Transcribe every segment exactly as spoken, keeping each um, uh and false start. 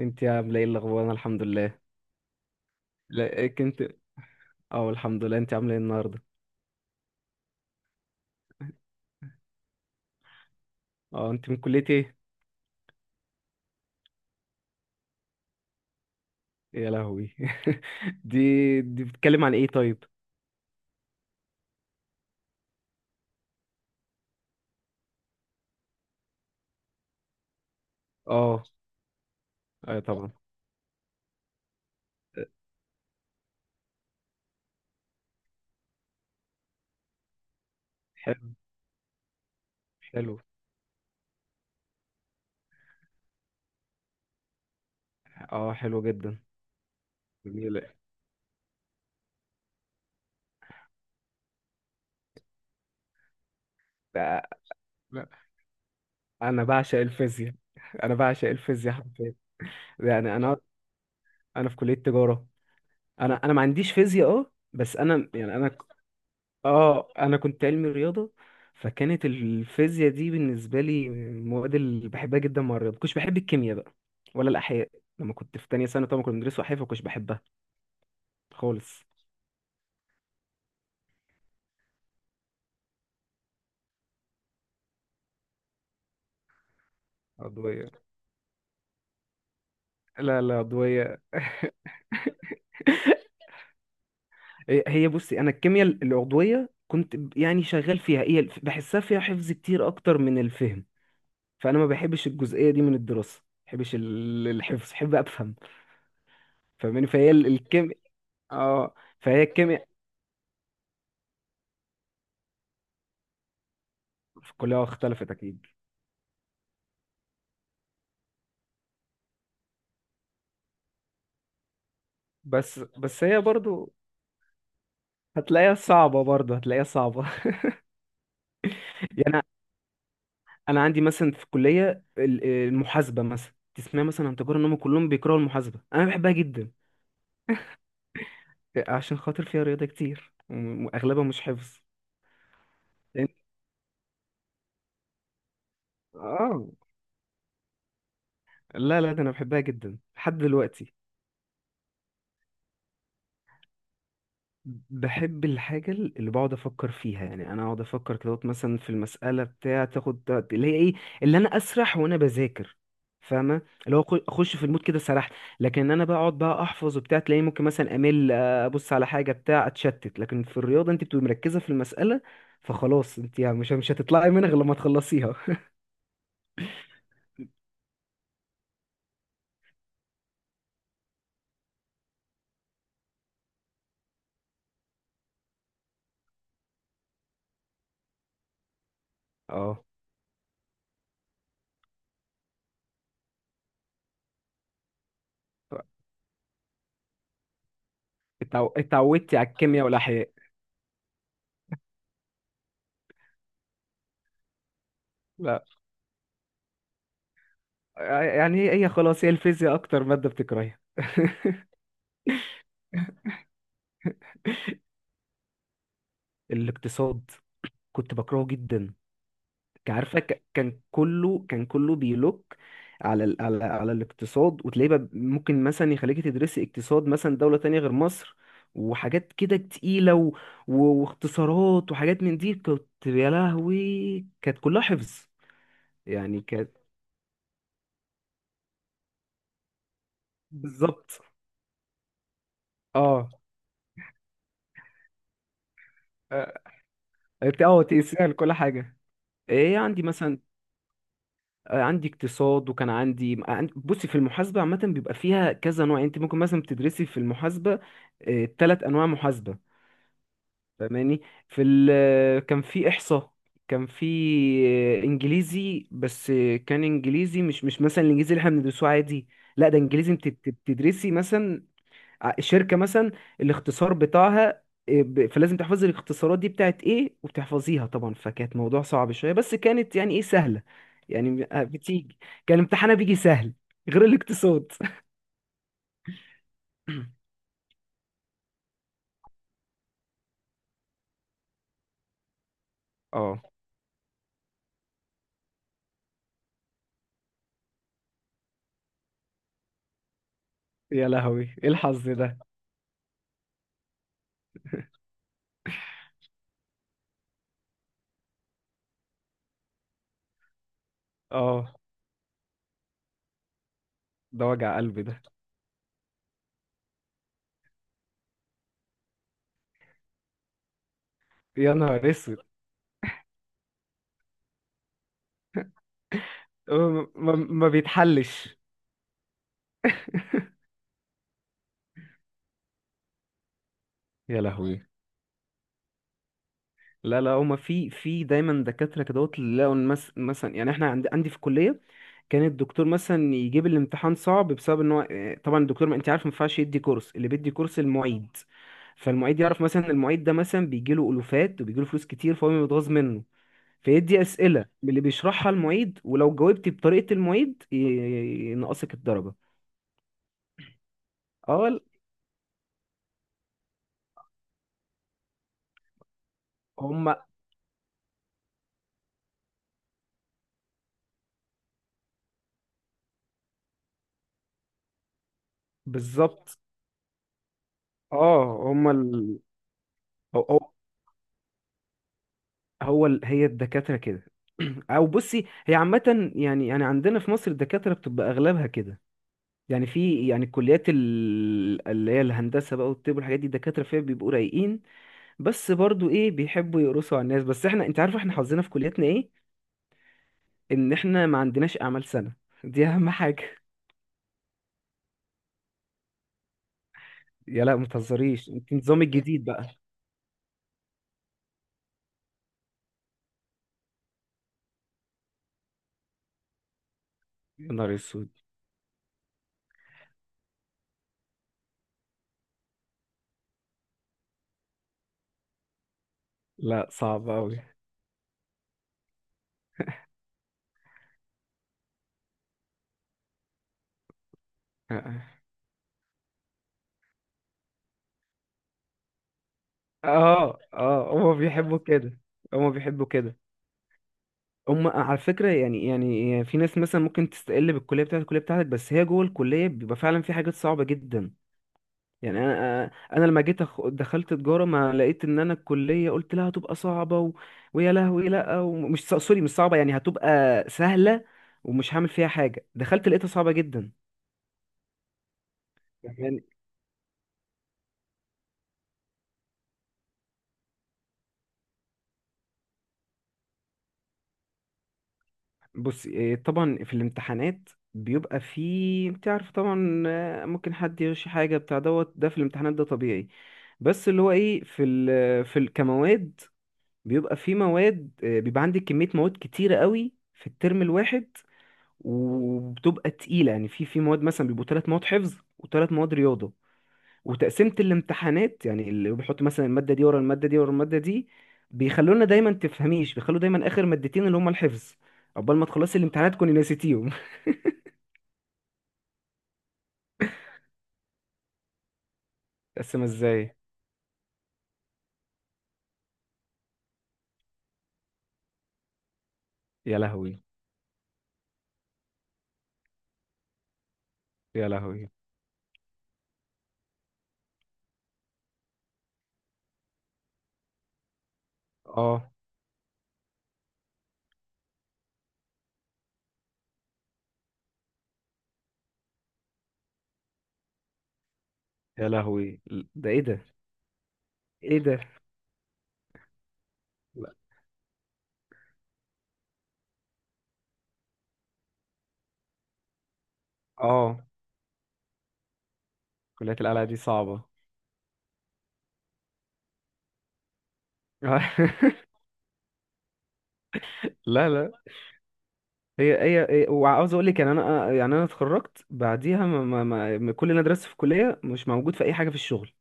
انت عامله ايه الاخبار؟ انا الحمد لله. لا، إيه كنت... اه الحمد لله. انت عامله ايه النهارده؟ اه انت من كليه ايه؟ يا لهوي. دي دي بتتكلم عن ايه طيب؟ اه، ايوه طبعا. حلو. حلو. اه، حلو جدا. جميلة. بقى- بقى- انا بعشق الفيزياء. انا بعشق الفيزياء حرفيا. يعني انا انا في كليه تجاره. انا انا ما عنديش فيزياء، اه بس انا، يعني انا... اه انا كنت علمي رياضه. فكانت الفيزياء دي بالنسبه لي من المواد اللي بحبها جدا مع الرياضه. كنتش بحب الكيمياء بقى، ولا الاحياء. لما كنت في تانية سنه طبعا كنا بندرس احياء فكنتش بحبها خالص. عضويه. لا، لا، عضويه. هي هي بصي، انا الكيمياء العضويه كنت ب- يعني شغال فيها. هي الف- بحسها فيها حفظ كتير اكتر من الفهم. فانا ما بحبش الجزئيه دي من الدراسه، ما بحبش ال- الحفظ، بحب افهم. فاهماني؟ فهي الكيمياء. اه فهي الكيمياء كلها اختلفت اكيد. بس بس هي برضو هتلاقيها صعبة، برضو هتلاقيها صعبة. يعني أنا أنا عندي مثلا في الكلية ال- المحاسبة. مثلا تسمع مثلا عن تجارة إن هم كلهم بيكرهوا المحاسبة، أنا بحبها جدا. عشان خاطر فيها رياضة كتير، وم- وأغلبها مش حفظ. لأن... آه لا، لا، ده أنا بحبها جدا لحد دلوقتي. بحب الحاجة اللي بقعد أفكر فيها، يعني أنا أقعد أفكر كده مثلا في المسألة بتاع تاخد وقت، اللي هي إيه، اللي أنا أسرح وأنا بذاكر. فاهمة؟ اللي هو أخ- أخش في المود كده سرحت. لكن إن أنا بقى أقعد بقى أحفظ وبتاع، تلاقيني ممكن مثلا أمل، آه، أبص على حاجة بتاع أتشتت. لكن في الرياضة أنت بتبقي مركزة في المسألة. فخلاص أنت يعني مش مش هتطلعي منها غير لما تخلصيها. أه. اتعو- اتعودتي على الكيمياء والأحياء؟ لا. يعني هي هي خلاص، هي الفيزياء أكتر مادة بتكرهيها؟ الاقتصاد. كنت بكرهه جدا. كان عارفه، ك- كان كله كان كله بيلوك على ال- على على الاقتصاد. وتلاقيه بقى ممكن مثلا يخليكي تدرسي اقتصاد مثلا دولة تانية غير مصر، وحاجات كده تقيلة، و... و... واختصارات وحاجات من دي. كنت، يا لهوي، كانت كلها حفظ. يعني كانت... بالظبط. اه اه آه، ت- آه، تقيسيها لكل حاجة. ايه عندي مثلا. آه، عندي اقتصاد، وكان عندي عن- بصي، في المحاسبة عامة بيبقى فيها كذا نوع. يعني انت ممكن مثلا بتدرسي في المحاسبة ثلاث انواع محاسبة. فاهماني؟ في ال كان في احصاء. كان في... آه، انجليزي بس، آه، كان انجليزي، مش مش مثلا الانجليزي اللي احنا بندرسوه عادي. لا، ده انجليزي انت بت- بتدرسي مثلا ع- الشركة مثلا، الاختصار بتاعها. إيه، ب- فلازم تحفظي الاختصارات دي بتاعت ايه وتحفظيها طبعا. فكانت موضوع صعب شوية، بس كانت يعني ايه سهلة. يعني ب- آه، بتيجي. كان امتحانها بيجي سهل. غير الاقتصاد. اه يا لهوي، ايه الحظ ده. اه ده وجع قلبي ده. يا نهار اسود. أه، ما ما- ما بيتحلش. يا لهوي. لا، لا، هما في في دايما دكاترة كدهوت اللي لقوا إن مس- مثلا، يعني احنا عند عندي في الكلية كان الدكتور مثلا يجيب الامتحان صعب بسبب ان هو، آه، طبعا الدكتور، ما انت عارف، ما ينفعش يدي كورس، اللي بيدي كورس المعيد. فالمعيد يعرف، مثلا المعيد ده مثلا بيجي له ألوفات وبيجي له فلوس كتير فهو بيتغاظ منه. فيدي أسئلة من اللي بيشرحها المعيد، ولو جاوبت بطريقة المعيد ي- ي- ينقصك الدرجة. اه ال- هما. بالظبط. اه هما ال... هو هو ال... هي الدكاترة كده. او بصي، هي عامة، يعني يعني عندنا في مصر الدكاترة بتبقى اغلبها كده. يعني في، يعني الكليات ال- اللي هي الهندسة بقى والطب والحاجات دي الدكاترة فيها بيبقوا رايقين. بس برضو ايه، بيحبوا يقرصوا على الناس. بس احنا، انت عارف، احنا حظنا في كلياتنا ايه، ان احنا ما عندناش اعمال سنة. دي اهم حاجة. يا لا ما تهزريش. انت النظام الجديد بقى. يا نهار اسود. لا، صعب قوي. اه، اه، آه، هما بيحبوا كده. هما بيحبوا كده. هم على فكرة، يعني يعني يعني في ناس مثلا ممكن تستقل بالكلية بتاعتك، الكلية بتاعتك بس هي جوه الكلية بيبقى فعلا في حاجات صعبة جدا. يعني انا انا لما جيت أخ- دخلت تجارة، ما لقيت ان انا الكلية قلت لها هتبقى صعبة، و... ويا لهوي، لا، ومش ص- سوري، مش صعبة يعني، هتبقى سهلة ومش هعمل فيها حاجة. دخلت لقيتها صعبة جدا. بص إيه، طبعا في الامتحانات بيبقى فيه، انت عارف طبعا، آه، ممكن حد يغش حاجه بتاع دوت ده في الامتحانات، ده طبيعي. بس اللي هو ايه، في ال في ال كمواد، بيبقى فيه مواد، آه، بيبقى عندك كميه مواد كتيره قوي في الترم الواحد، وبتبقى تقيله. يعني في في مواد مثلا بيبقوا ثلاث مواد حفظ وثلاث مواد رياضه. وتقسيمة الامتحانات، يعني اللي بيحط مثلا المادة دي ورا المادة دي ورا المادة دي، بيخلونا دايما، تفهميش، بيخلوا دايما آخر مادتين اللي هما الحفظ، عقبال ما تخلصي الامتحانات تكوني نسيتيهم. تقسم ازاي؟ يا لهوي. يا لهوي. اه يا لهوي. ده ايه ده؟ ايه ده؟ لا. اه كلية القلعة دي صعبة. لا، لا، هي هي هي- وعاوز اقول لك، يعني انا يعني انا اتخرجت بعديها، ما ما ما ما- كل اللي انا درسته في الكليه مش موجود في اي حاجه في الشغل.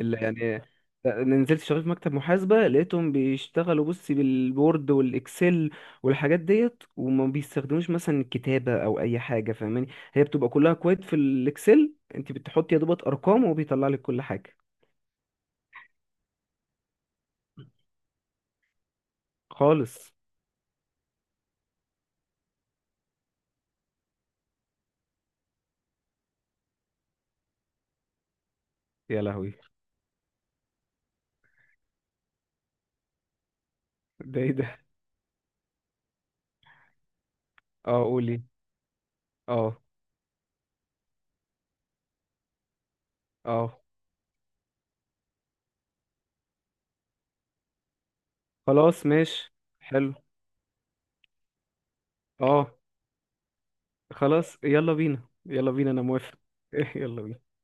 اللي يعني، نزلت شغال في مكتب محاسبة، لقيتهم بيشتغلوا، بصي، بالوورد والإكسل والحاجات ديت، وما بيستخدموش مثلا الكتابة أو أي حاجة. فاهماني؟ هي بتبقى كلها كويت في الإكسل، أنت بتحطي يا دوبك أرقام وبيطلع لك كل حاجة. خالص. يا لهوي. ده إيه ده؟ أه، قولي. أه. أه، خلاص ماشي. حلو. أه. خلاص، يلا بينا، يلا بينا، أنا موافق. يلا بينا.